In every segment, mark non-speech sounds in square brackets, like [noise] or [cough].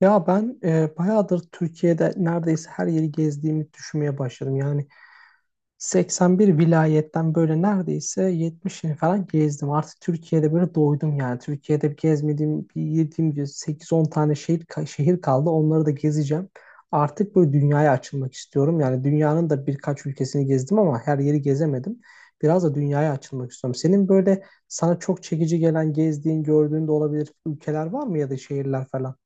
Bayağıdır Türkiye'de neredeyse her yeri gezdiğimi düşünmeye başladım. Yani 81 vilayetten böyle neredeyse 70'ini falan gezdim. Artık Türkiye'de böyle doydum yani. Türkiye'de gezmediğim, bir yediğim gibi 8-10 tane şehir, şehir kaldı. Onları da gezeceğim. Artık böyle dünyaya açılmak istiyorum. Yani dünyanın da birkaç ülkesini gezdim ama her yeri gezemedim. Biraz da dünyaya açılmak istiyorum. Senin böyle sana çok çekici gelen, gezdiğin, gördüğün de olabilir ülkeler var mı ya da şehirler falan?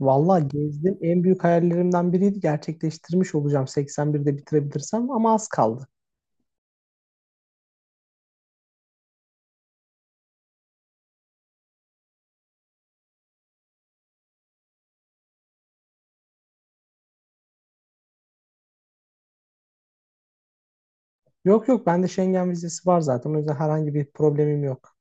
Vallahi gezdim. En büyük hayallerimden biriydi. Gerçekleştirmiş olacağım 81'de bitirebilirsem ama az kaldı. Yok yok, bende Schengen vizesi var zaten. O yüzden herhangi bir problemim yok.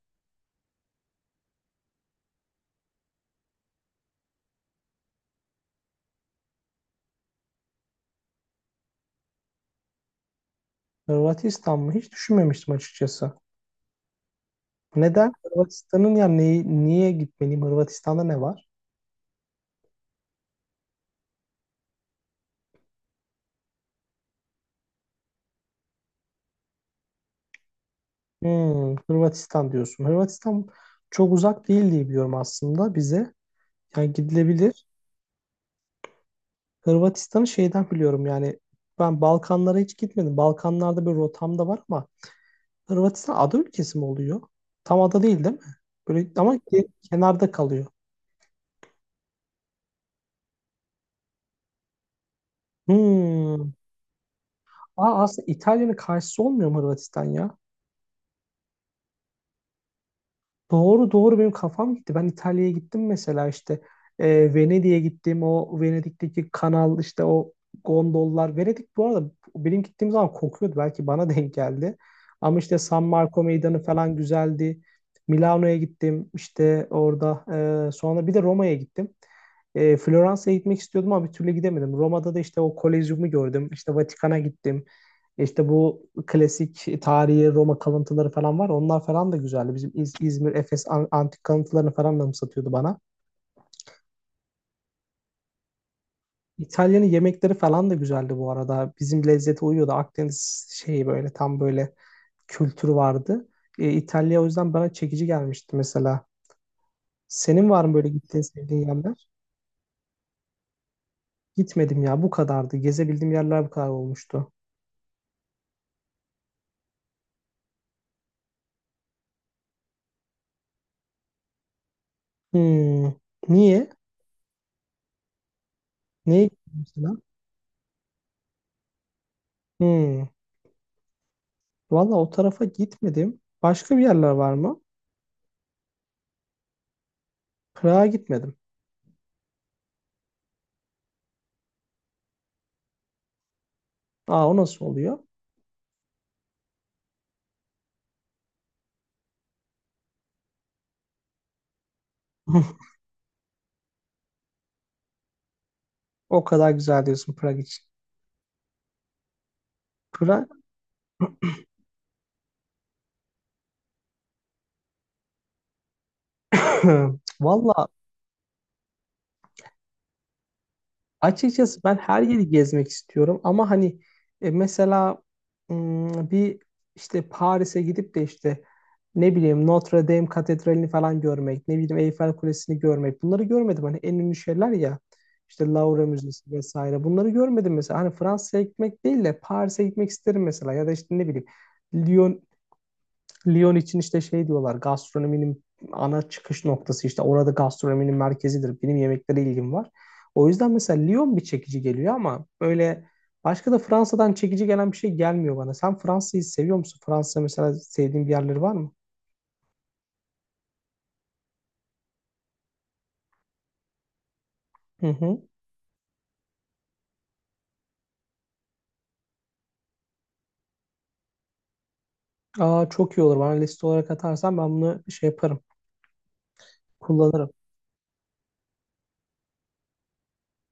Hırvatistan mı? Hiç düşünmemiştim açıkçası. Neden? Hırvatistan'ın ya neyi, niye gitmeliyim? Hırvatistan'da ne var? Hmm, Hırvatistan diyorsun. Hırvatistan çok uzak değil diye biliyorum aslında bize. Yani gidilebilir. Hırvatistan'ı şeyden biliyorum, yani ben Balkanlara hiç gitmedim. Balkanlarda bir rotam da var ama Hırvatistan ada ülkesi mi oluyor? Tam ada değil, değil mi? Böyle ama kenarda kalıyor. Hmm. Aa, aslında İtalya'nın karşısı olmuyor mu Hırvatistan ya? Doğru doğru, benim kafam gitti. Ben İtalya'ya gittim mesela, işte Venedik'e gittim. O Venedik'teki kanal, işte o gondollar. Venedik bu arada benim gittiğim zaman kokuyordu. Belki bana [laughs] denk geldi. Ama işte San Marco Meydanı falan güzeldi. Milano'ya gittim, işte orada. Sonra bir de Roma'ya gittim. Floransa'ya gitmek istiyordum ama bir türlü gidemedim. Roma'da da işte o Kolezyum'u gördüm. İşte Vatikan'a gittim. İşte bu klasik tarihi Roma kalıntıları falan var. Onlar falan da güzeldi. Bizim İzmir, Efes antik kalıntılarını falan da satıyordu bana. İtalya'nın yemekleri falan da güzeldi bu arada. Bizim lezzete uyuyordu. Akdeniz şeyi böyle tam böyle kültürü vardı. İtalya o yüzden bana çekici gelmişti mesela. Senin var mı böyle gittiğin sevdiğin yerler? Gitmedim ya, bu kadardı. Gezebildiğim yerler bu kadar olmuştu. Hmm. Niye? Neye gittin mesela? Hmm. Valla o tarafa gitmedim. Başka bir yerler var mı? Prag'a gitmedim. Aa, o nasıl oluyor? [laughs] O kadar güzel diyorsun Prag için. Prag. [clears throat] Valla açıkçası ben her yeri gezmek istiyorum ama hani mesela bir işte Paris'e gidip de işte ne bileyim Notre Dame Katedrali'ni falan görmek, ne bileyim Eyfel Kulesi'ni görmek, bunları görmedim. Hani en ünlü şeyler ya, işte Louvre Müzesi vesaire, bunları görmedim mesela. Hani Fransa'ya gitmek değil de Paris'e gitmek isterim mesela, ya da işte ne bileyim Lyon Lyon için işte şey diyorlar, gastronominin ana çıkış noktası, işte orada gastronominin merkezidir. Benim yemeklere ilgim var. O yüzden mesela Lyon bir çekici geliyor ama böyle başka da Fransa'dan çekici gelen bir şey gelmiyor bana. Sen Fransa'yı seviyor musun? Fransa mesela sevdiğin bir yerleri var mı? Hı hı. Aa, çok iyi olur. Bana liste olarak atarsan ben bunu şey yaparım. Kullanırım.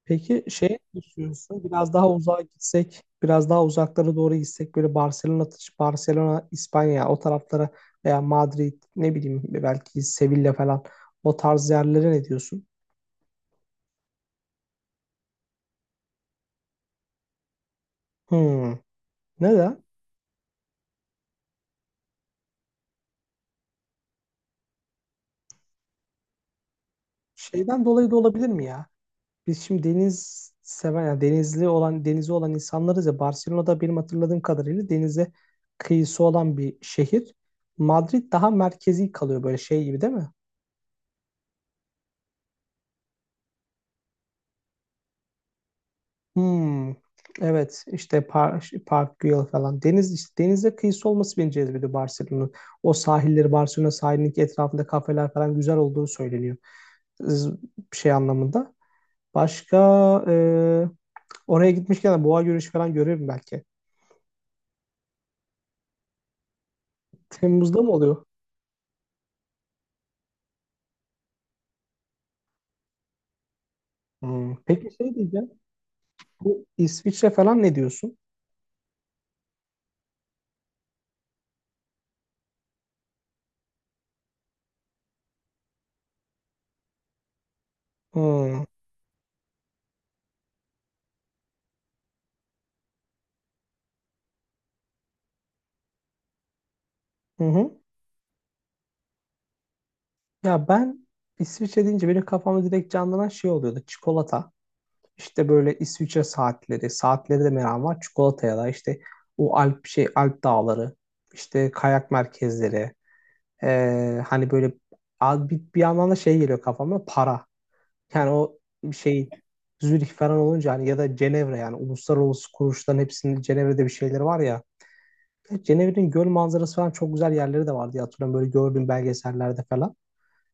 Peki şey ne düşünüyorsun? Biraz daha uzağa gitsek, biraz daha uzaklara doğru gitsek böyle Barcelona, İspanya o taraflara, veya Madrid, ne bileyim belki Sevilla falan, o tarz yerlere ne diyorsun? Hmm. Neden? Şeyden dolayı da olabilir mi ya? Biz şimdi deniz seven, yani denizli olan, denizi olan insanlarız ya, Barcelona'da benim hatırladığım kadarıyla denize kıyısı olan bir şehir. Madrid daha merkezi kalıyor böyle şey gibi, değil mi? Hmm, evet, işte Park, Park Güell falan. Deniz, işte denize kıyısı olması beni cezbediyor Barcelona'nın. O sahilleri, Barcelona sahilinin etrafında kafeler falan güzel olduğu söyleniyor. Z- Şey anlamında. Başka e, oraya gitmişken de boğa yürüyüşü falan görürüm belki. Temmuz'da mı oluyor? Hmm, peki şey diyeceğim. Bu İsviçre falan ne diyorsun? Hmm, hı hı. Ya ben, İsviçre deyince benim kafamda direkt canlanan şey oluyordu. Çikolata. İşte böyle İsviçre saatleri, saatleri de meram var. Çikolataya da işte o Alp şey Alp dağları, işte kayak merkezleri, hani böyle bir yandan da şey geliyor kafama, para. Yani o şey Zürih falan olunca hani, ya da Cenevre, yani uluslararası kuruluşların hepsinin Cenevre'de bir şeyleri var ya. Cenevre'nin göl manzarası falan çok güzel yerleri de vardı diye hatırlıyorum böyle gördüğüm belgesellerde falan.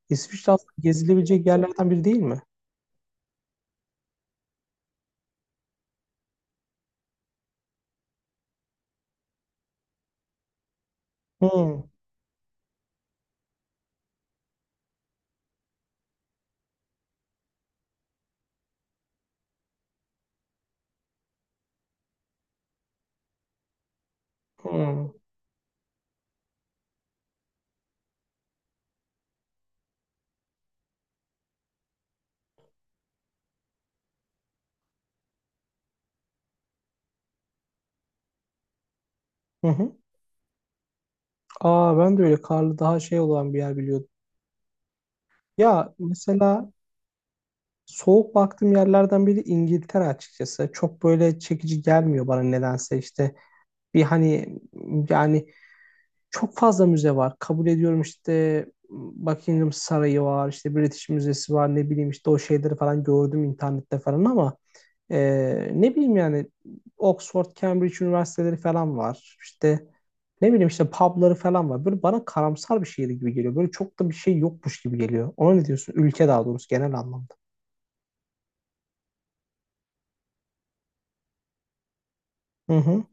İsviçre aslında gezilebilecek yerlerden biri, değil mi? Hı, hı, hı hı. Aa, ben de öyle karlı daha şey olan bir yer biliyordum. Ya mesela soğuk baktığım yerlerden biri İngiltere açıkçası. Çok böyle çekici gelmiyor bana nedense, işte. Bir hani, yani çok fazla müze var. Kabul ediyorum, işte Buckingham Sarayı var, işte British Müzesi var, ne bileyim işte o şeyleri falan gördüm internette falan ama ne bileyim yani Oxford, Cambridge üniversiteleri falan var. İşte ne bileyim, işte pubları falan var. Böyle bana karamsar bir şehir gibi geliyor. Böyle çok da bir şey yokmuş gibi geliyor. Ona ne diyorsun? Ülke daha doğrusu, genel anlamda. Hı hı.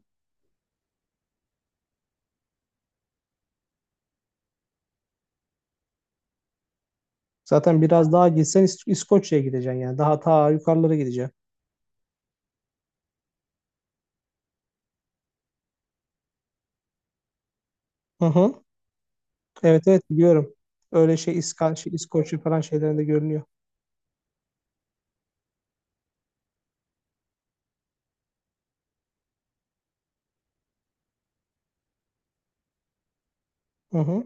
Zaten biraz daha gitsen İskoçya'ya gideceksin yani. Daha ta yukarılara gideceksin. Hı hı. Evet evet biliyorum. Öyle şey, İskoçya falan şeylerinde görünüyor. Hı hı.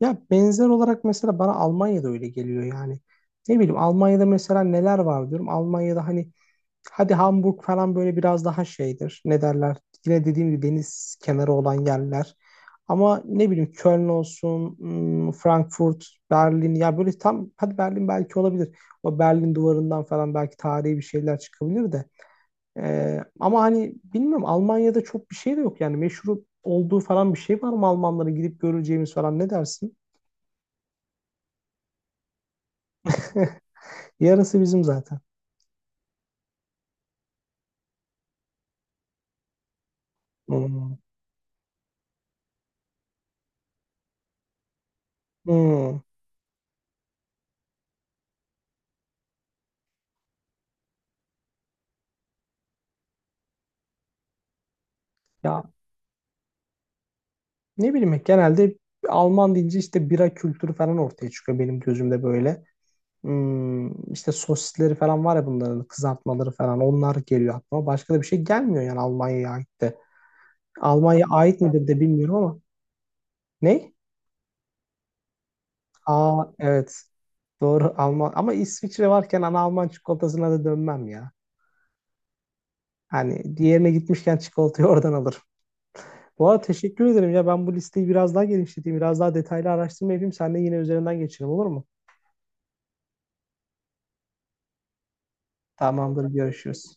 Ya benzer olarak mesela bana Almanya'da öyle geliyor yani. Ne bileyim, Almanya'da mesela neler var diyorum. Almanya'da hani hadi Hamburg falan böyle biraz daha şeydir. Ne derler? Yine dediğim gibi, deniz kenarı olan yerler. Ama ne bileyim, Köln olsun, hmm, Frankfurt, Berlin. Ya böyle tam, hadi Berlin belki olabilir. O Berlin duvarından falan belki tarihi bir şeyler çıkabilir de. Ama hani bilmiyorum, Almanya'da çok bir şey de yok yani, meşhur olduğu falan bir şey var mı Almanların, gidip göreceğimiz falan, ne dersin? [laughs] Yarısı bizim zaten. Hmm. Hmm. Ya, ne bileyim genelde Alman deyince işte bira kültürü falan ortaya çıkıyor benim gözümde böyle. Hmm, işte sosisleri falan var ya bunların, kızartmaları falan, onlar geliyor aklıma. Başka da bir şey gelmiyor yani Almanya'ya ait de. Almanya'ya ait midir de bilmiyorum ama. Ne? Aa, evet. Doğru Alman ama İsviçre varken ana Alman çikolatasına da dönmem ya. Hani diğerine gitmişken çikolatayı [laughs] oradan alırım. Bu arada teşekkür ederim ya, ben bu listeyi biraz daha genişleteyim. Biraz daha detaylı araştırma yapayım. Sen de yine üzerinden geçelim, olur mu? Tamamdır, görüşürüz.